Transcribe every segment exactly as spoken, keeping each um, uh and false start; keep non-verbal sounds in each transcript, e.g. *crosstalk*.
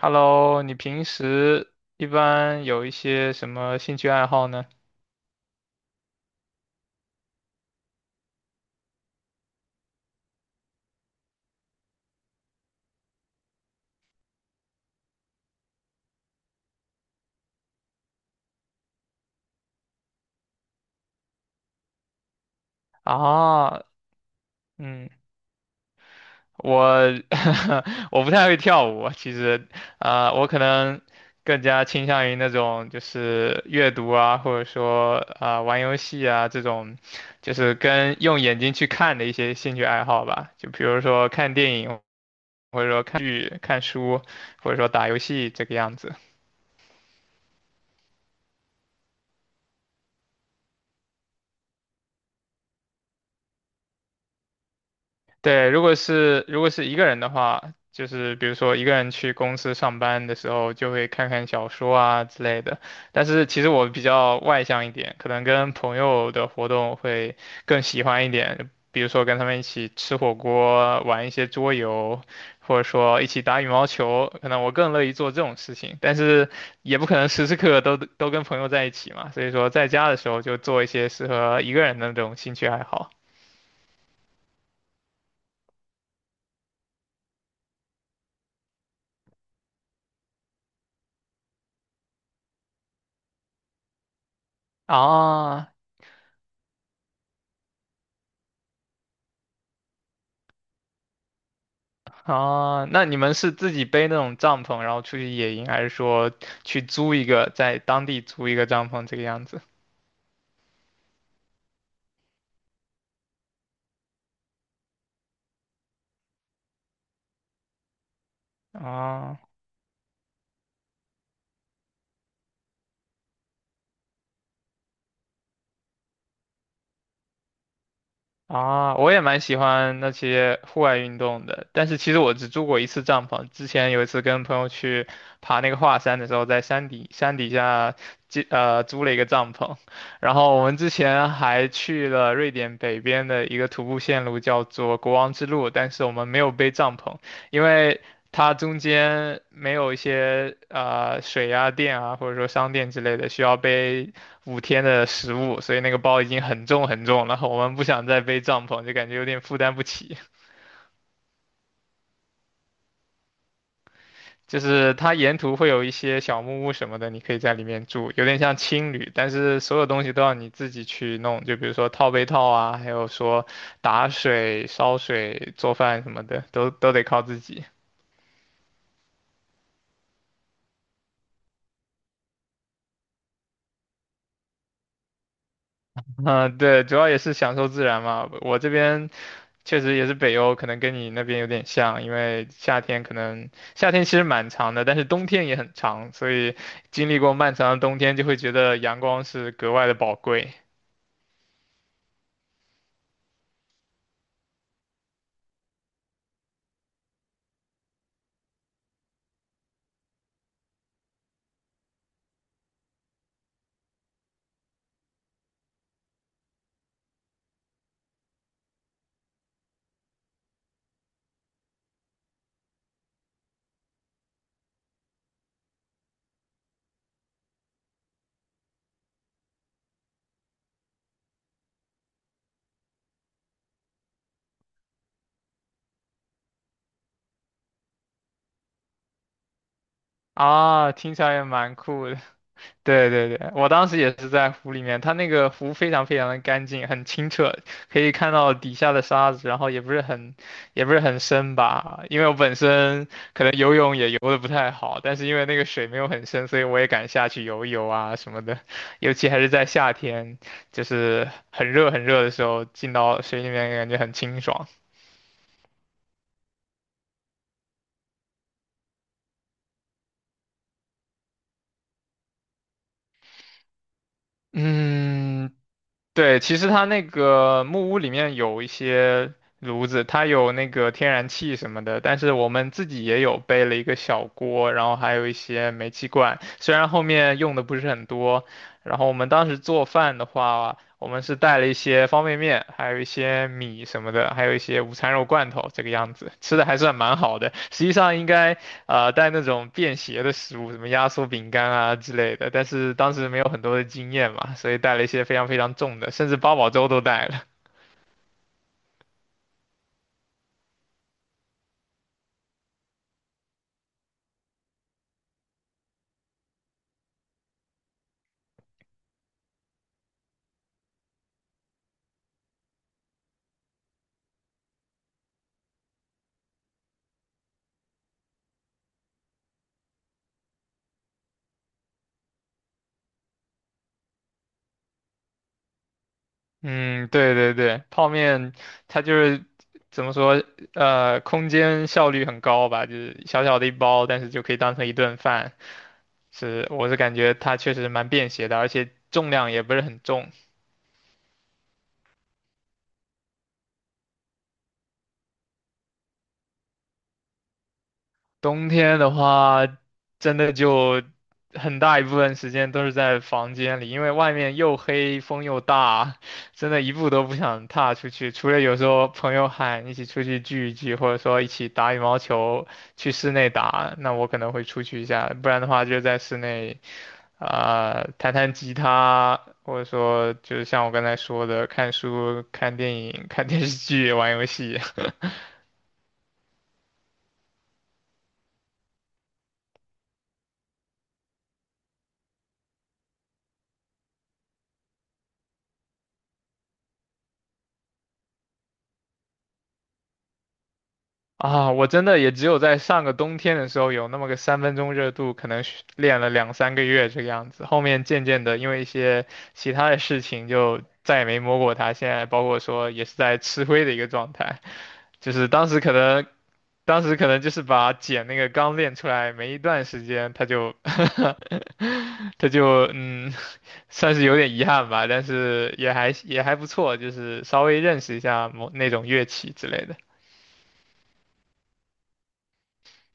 Hello，你平时一般有一些什么兴趣爱好呢？啊，嗯，我 *laughs* 我不太会跳舞，其实，啊、我可能更加倾向于那种就是阅读啊，或者说啊、玩游戏啊这种，就是跟用眼睛去看的一些兴趣爱好吧，就比如说看电影，或者说看剧、看书，或者说打游戏这个样子。对，如果是如果是一个人的话，就是比如说一个人去公司上班的时候，就会看看小说啊之类的。但是其实我比较外向一点，可能跟朋友的活动会更喜欢一点，比如说跟他们一起吃火锅、玩一些桌游，或者说一起打羽毛球，可能我更乐意做这种事情。但是也不可能时时刻刻都都跟朋友在一起嘛，所以说在家的时候就做一些适合一个人的那种兴趣爱好。啊，啊，那你们是自己背那种帐篷，然后出去野营，还是说去租一个，在当地租一个帐篷这个样子？啊，啊，我也蛮喜欢那些户外运动的，但是其实我只住过一次帐篷。之前有一次跟朋友去爬那个华山的时候，在山底山底下借呃租了一个帐篷，然后我们之前还去了瑞典北边的一个徒步线路，叫做国王之路，但是我们没有背帐篷，因为它中间没有一些呃水啊、电啊，或者说商店之类的需要背五天的食物，所以那个包已经很重很重了。*laughs* 我们不想再背帐篷，就感觉有点负担不起。就是它沿途会有一些小木屋什么的，你可以在里面住，有点像青旅，但是所有东西都要你自己去弄，就比如说套被套啊，还有说打水、烧水、做饭什么的，都都得靠自己。*laughs* 嗯，对，主要也是享受自然嘛。我这边确实也是北欧，可能跟你那边有点像，因为夏天可能夏天其实蛮长的，但是冬天也很长，所以经历过漫长的冬天，就会觉得阳光是格外的宝贵啊。听起来也蛮酷的。对对对，我当时也是在湖里面，它那个湖非常非常的干净，很清澈，可以看到底下的沙子，然后也不是很，也不是很深吧，因为我本身可能游泳也游的不太好，但是因为那个水没有很深，所以我也敢下去游一游啊什么的，尤其还是在夏天，就是很热很热的时候，进到水里面感觉很清爽。嗯，对，其实它那个木屋里面有一些炉子，它有那个天然气什么的，但是我们自己也有背了一个小锅，然后还有一些煤气罐，虽然后面用的不是很多。然后我们当时做饭的话，我们是带了一些方便面，还有一些米什么的，还有一些午餐肉罐头，这个样子，吃的还算蛮好的。实际上应该啊、带那种便携的食物，什么压缩饼干啊之类的。但是当时没有很多的经验嘛，所以带了一些非常非常重的，甚至八宝粥都带了。*laughs* 嗯，对对对，泡面它就是怎么说，呃，空间效率很高吧，就是小小的一包，但是就可以当成一顿饭。是，我是感觉它确实蛮便携的，而且重量也不是很重。冬天的话，真的就很大一部分时间都是在房间里，因为外面又黑，风又大，真的一步都不想踏出去。除了有时候朋友喊一起出去聚一聚，或者说一起打羽毛球，去室内打，那我可能会出去一下，不然的话就在室内，啊、弹弹吉他，或者说就是像我刚才说的，看书、看电影、看电视剧、玩游戏。啊，我真的也只有在上个冬天的时候有那么个三分钟热度，可能是练了两三个月这个样子。后面渐渐的，因为一些其他的事情，就再也没摸过它。现在包括说也是在吃灰的一个状态，就是当时可能，当时可能就是把茧那个刚练出来没一段时间，它就，*laughs* 它就嗯，算是有点遗憾吧，但是也还也还不错，就是稍微认识一下某那种乐器之类的。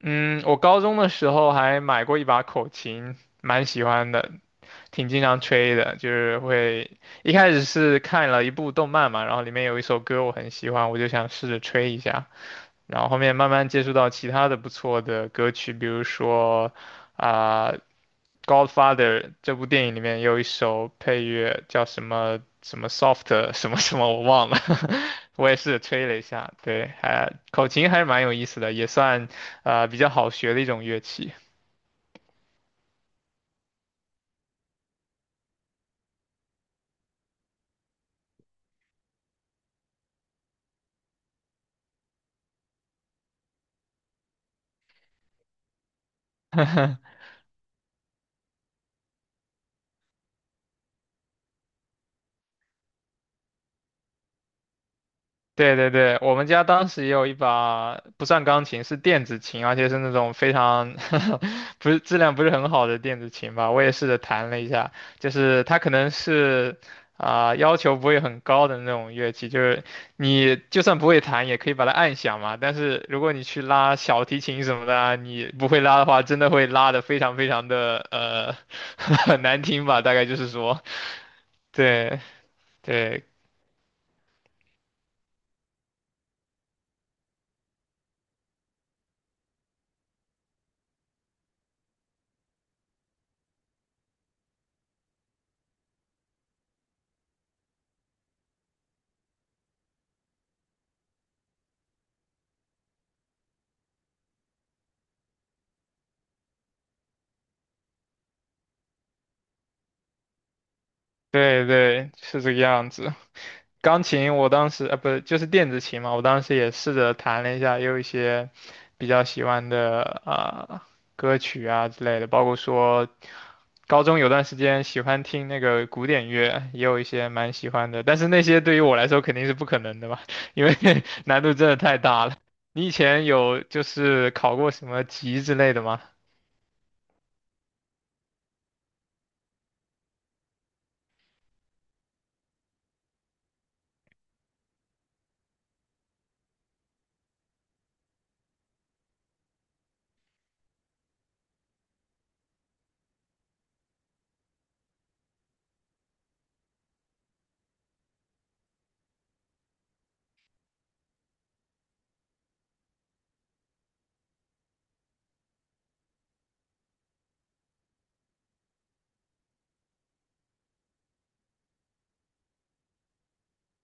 嗯，我高中的时候还买过一把口琴，蛮喜欢的，挺经常吹的。就是会一开始是看了一部动漫嘛，然后里面有一首歌我很喜欢，我就想试着吹一下。然后后面慢慢接触到其他的不错的歌曲，比如说啊，Godfather》这部电影里面有一首配乐叫什么什么 Soft *laughs* 什么什么，我忘了，*laughs* 我也是吹了一下，对，还口琴还是蛮有意思的，也算啊比较好学的一种乐器。*laughs* 对对对，我们家当时也有一把不算钢琴，是电子琴，而且是那种非常 *laughs* 不是质量不是很好的电子琴吧。我也试着弹了一下，就是它可能是啊、要求不会很高的那种乐器，就是你就算不会弹也可以把它按响嘛。但是如果你去拉小提琴什么的啊你不会拉的话，真的会拉的非常非常的呃 *laughs* 很难听吧，大概就是说，对对对对，是这个样子。钢琴我当时啊，不是就是电子琴嘛，我当时也试着弹了一下，也有一些比较喜欢的啊、呃歌曲啊之类的，包括说高中有段时间喜欢听那个古典乐，也有一些蛮喜欢的，但是那些对于我来说肯定是不可能的嘛，*laughs* 因为难度真的太大了。你以前有就是考过什么级之类的吗？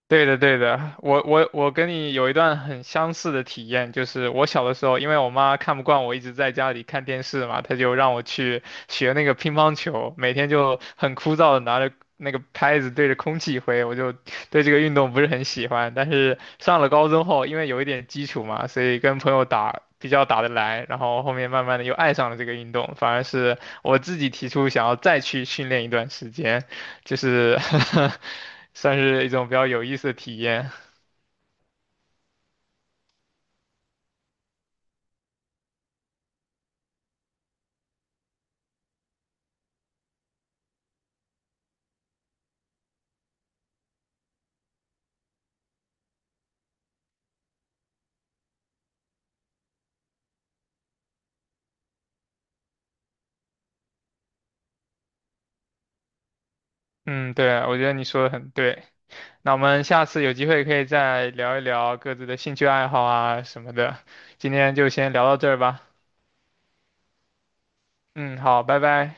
对的，对的，我我我跟你有一段很相似的体验，就是我小的时候，因为我妈看不惯我一直在家里看电视嘛，她就让我去学那个乒乓球，每天就很枯燥的拿着那个拍子对着空气挥，我就对这个运动不是很喜欢。但是上了高中后，因为有一点基础嘛，所以跟朋友打比较打得来，然后后面慢慢的又爱上了这个运动，反而是我自己提出想要再去训练一段时间。就是 *laughs* 算是一种比较有意思的体验。嗯，对，我觉得你说的很对。那我们下次有机会可以再聊一聊各自的兴趣爱好啊什么的。今天就先聊到这儿吧。嗯，好，拜拜。